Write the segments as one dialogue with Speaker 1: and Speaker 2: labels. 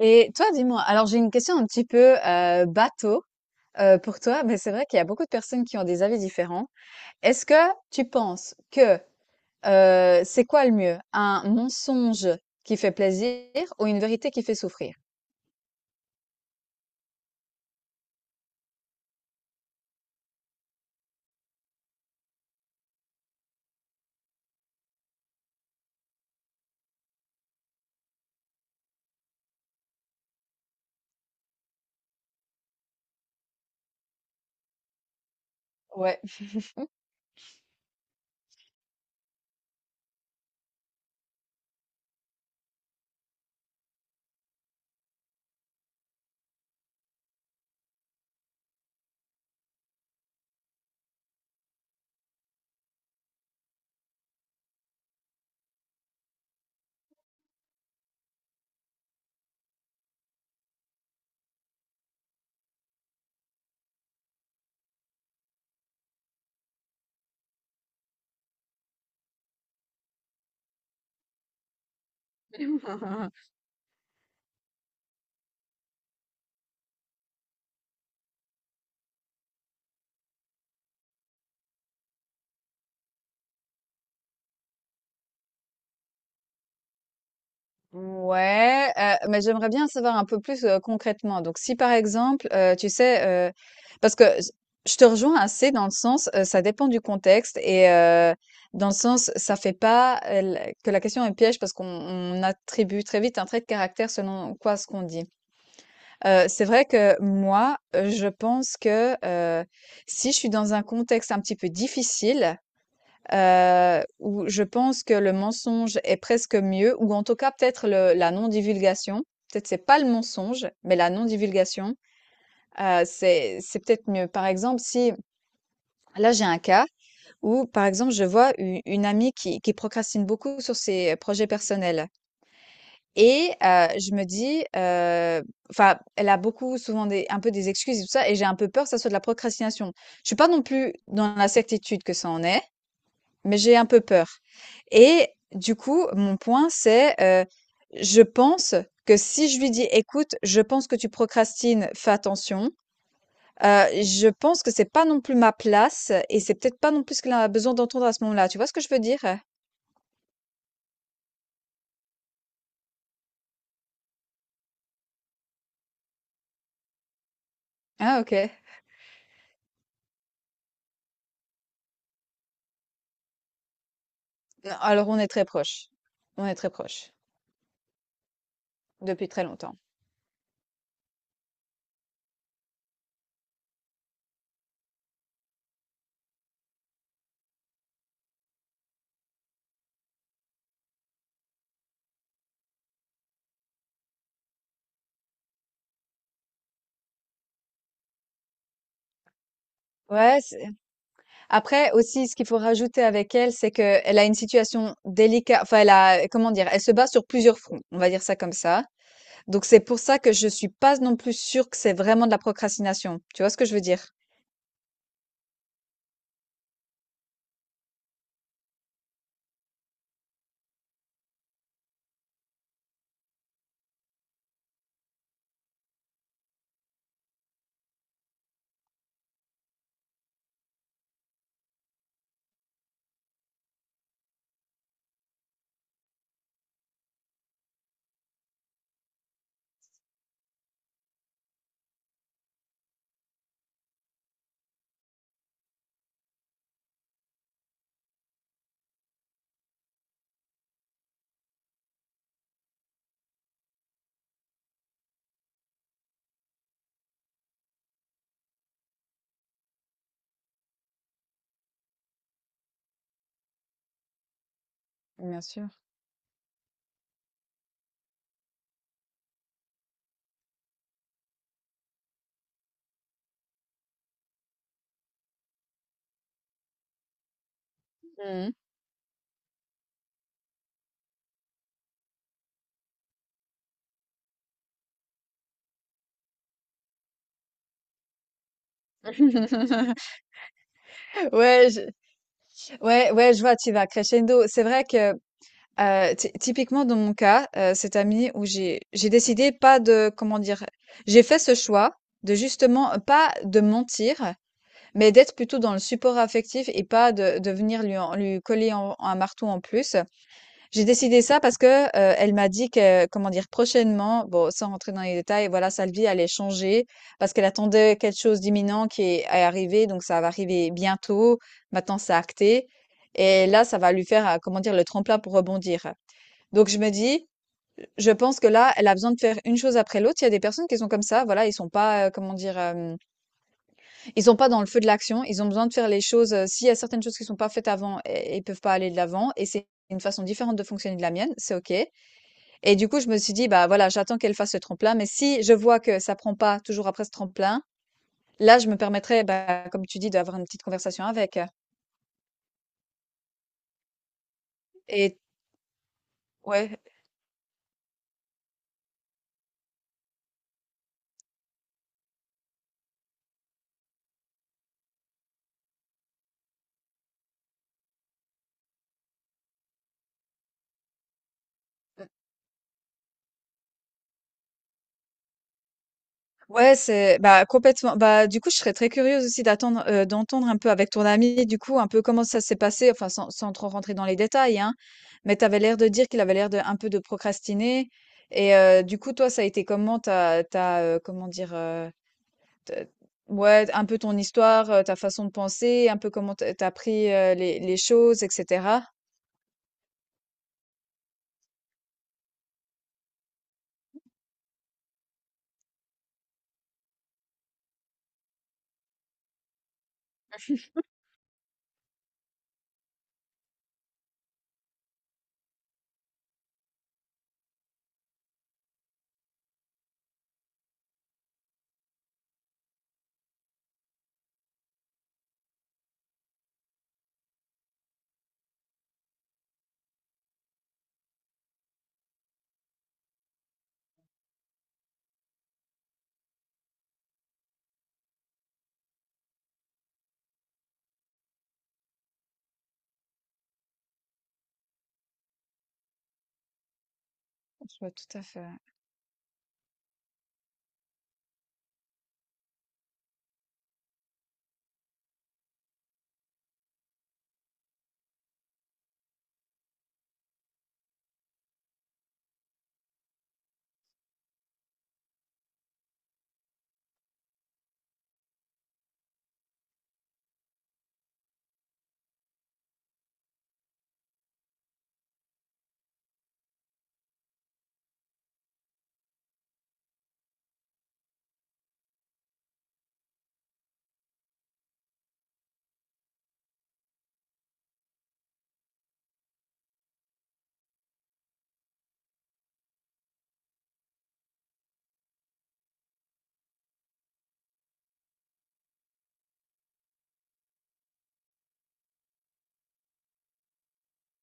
Speaker 1: Et toi, dis-moi, alors j'ai une question un petit peu bateau pour toi, mais c'est vrai qu'il y a beaucoup de personnes qui ont des avis différents. Est-ce que tu penses que c'est quoi le mieux? Un mensonge qui fait plaisir ou une vérité qui fait souffrir? Ouais. Ouais, mais j'aimerais bien savoir un peu plus, concrètement. Donc si par exemple, tu sais, parce que j je te rejoins assez dans le sens, ça dépend du contexte et dans le sens, ça fait pas, l que la question est piège parce qu'on attribue très vite un trait de caractère selon quoi ce qu'on dit. C'est vrai que moi, je pense que, si je suis dans un contexte un petit peu difficile, où je pense que le mensonge est presque mieux ou en tout cas peut-être le la non-divulgation. Peut-être c'est pas le mensonge, mais la non-divulgation, c'est peut-être mieux. Par exemple, si là j'ai un cas où par exemple je vois u une amie qui procrastine beaucoup sur ses projets personnels et je me dis, enfin elle a beaucoup souvent des un peu des excuses et tout ça et j'ai un peu peur que ça soit de la procrastination. Je suis pas non plus dans la certitude que ça en est, mais j'ai un peu peur. Et du coup, mon point, c'est, je pense que si je lui dis: «Écoute, je pense que tu procrastines, fais attention», je pense que c'est pas non plus ma place et c'est peut-être pas non plus ce qu'elle a besoin d'entendre à ce moment-là. Tu vois ce que je veux dire? Ah OK. Non, alors on est très proches. On est très proches, depuis très longtemps. Ouais, c'est après aussi, ce qu'il faut rajouter avec elle, c'est que elle a une situation délicate. Enfin, elle a, comment dire? Elle se bat sur plusieurs fronts, on va dire ça comme ça. Donc c'est pour ça que je suis pas non plus sûre que c'est vraiment de la procrastination. Tu vois ce que je veux dire? Bien sûr. Mmh. Ouais, je ouais, ouais, je vois, tu vas crescendo. C'est vrai que, ty typiquement dans mon cas, cette année où j'ai décidé pas de comment dire? J'ai fait ce choix de justement, pas de mentir, mais d'être plutôt dans le support affectif et pas de venir lui en lui coller en un marteau en plus. J'ai décidé ça parce que, elle m'a dit que, comment dire? Prochainement, bon, sans rentrer dans les détails, voilà, sa vie allait changer parce qu'elle attendait quelque chose d'imminent qui est arrivé, donc ça va arriver bientôt. Maintenant, c'est acté et là, ça va lui faire, comment dire? Le tremplin pour rebondir. Donc je me dis, je pense que là, elle a besoin de faire une chose après l'autre. Il y a des personnes qui sont comme ça, voilà, ils sont pas, comment dire? Ils sont pas dans le feu de l'action. Ils ont besoin de faire les choses, s'il y a certaines choses qui sont pas faites avant, ils peuvent pas aller de l'avant et c'est une façon différente de fonctionner de la mienne, c'est OK. Et du coup, je me suis dit: «Bah, voilà, j'attends qu'elle fasse ce tremplin, mais si je vois que ça prend pas toujours après ce tremplin, là, je me permettrai, bah, comme tu dis, d'avoir une petite conversation avec». Et ouais, mmh, ouais, c'est bah, complètement. Bah, du coup, je serais très curieuse aussi d'attendre, d'entendre un peu avec ton amie, du coup, un peu comment ça s'est passé, enfin, sans trop rentrer dans les détails, hein. Mais tu avais l'air de dire qu'il avait l'air de un peu de procrastiner et du coup, toi, ça a été comment? T'as, t'as, tu comment dire, Te ouais, un peu ton histoire, ta façon de penser, un peu comment t'as as pris, les choses et cetera? Je vois tout à fait, ouais.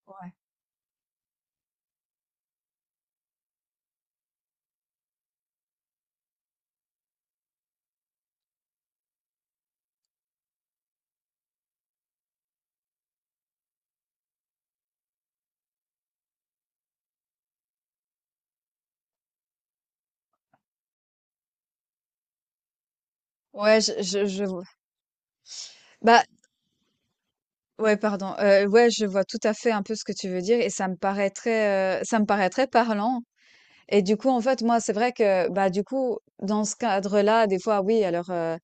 Speaker 1: Ouais. Ouais, je vois. Bah, ouais, pardon, ouais, je vois tout à fait un peu ce que tu veux dire et ça me paraît très, ça me paraît très parlant et du coup, en fait, moi, c'est vrai que, bah, du coup, dans ce cadre-là, des fois, oui, alors,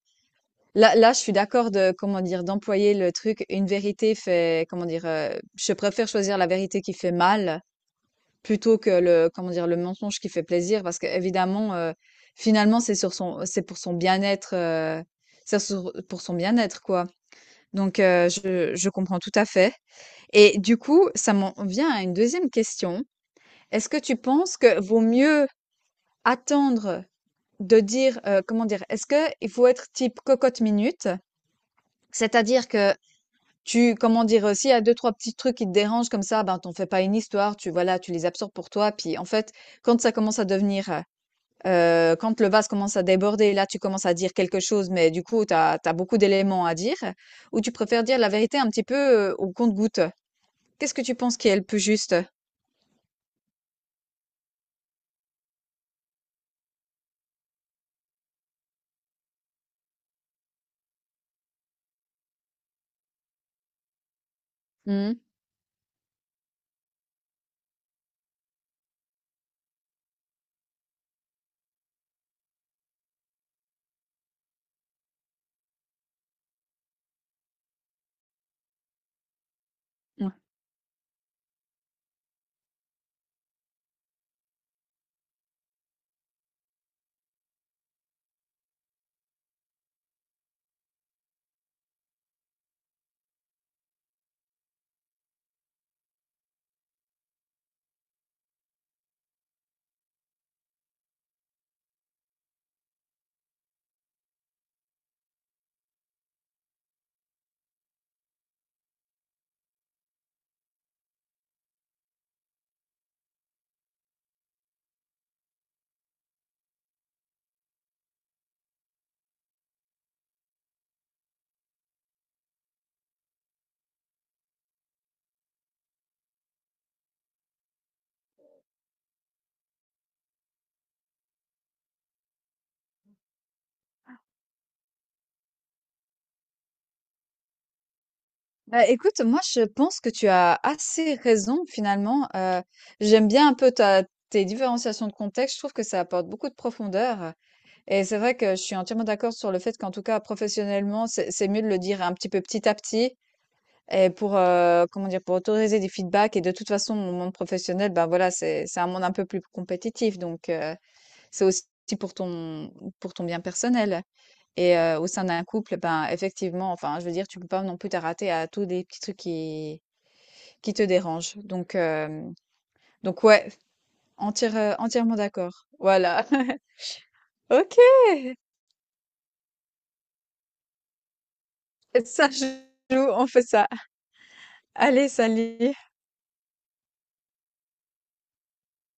Speaker 1: là, je suis d'accord de comment dire? D'employer le truc: «Une vérité fait» comment dire? Je préfère choisir la vérité qui fait mal plutôt que le, comment dire, le mensonge qui fait plaisir, parce qu'évidemment, finalement, c'est pour son bien-être, pour son bien-être, quoi. Donc, je comprends tout à fait. Et du coup, ça m'en vient à une deuxième question. Est-ce que tu penses que vaut mieux attendre de dire, comment dire, est-ce que il faut être type cocotte minute, c'est-à-dire que comment dire, s'il y a deux, trois petits trucs qui te dérangent comme ça, ben, t'en fais pas une histoire, tu, voilà, tu les absorbes pour toi, puis en fait, quand ça commence à devenir quand le vase commence à déborder, là, tu commences à dire quelque chose, mais du coup, tu as beaucoup d'éléments à dire ou tu préfères dire la vérité un petit peu, au compte-gouttes? Qu'est-ce que tu penses qui est le plus juste? Mmh. Ouais. Bah, écoute, moi, je pense que tu as assez raison finalement, j'aime bien un peu ta tes différenciations de contexte. Je trouve que ça apporte beaucoup de profondeur et c'est vrai que je suis entièrement d'accord sur le fait qu'en tout cas, professionnellement, c'est mieux de le dire un petit peu petit à petit. Et pour, comment dire? Pour autoriser des feedbacks et de toute façon, mon monde professionnel, ben, voilà, c'est un monde un peu plus compétitif donc c'est aussi pour ton pour ton bien personnel et au sein d'un couple, ben, effectivement, enfin, je veux dire, tu peux pas non plus t'arrêter à tous des petits trucs qui te dérangent donc donc ouais, entièrement d'accord. Voilà. OK! Ça joue, on fait ça. Allez, salut!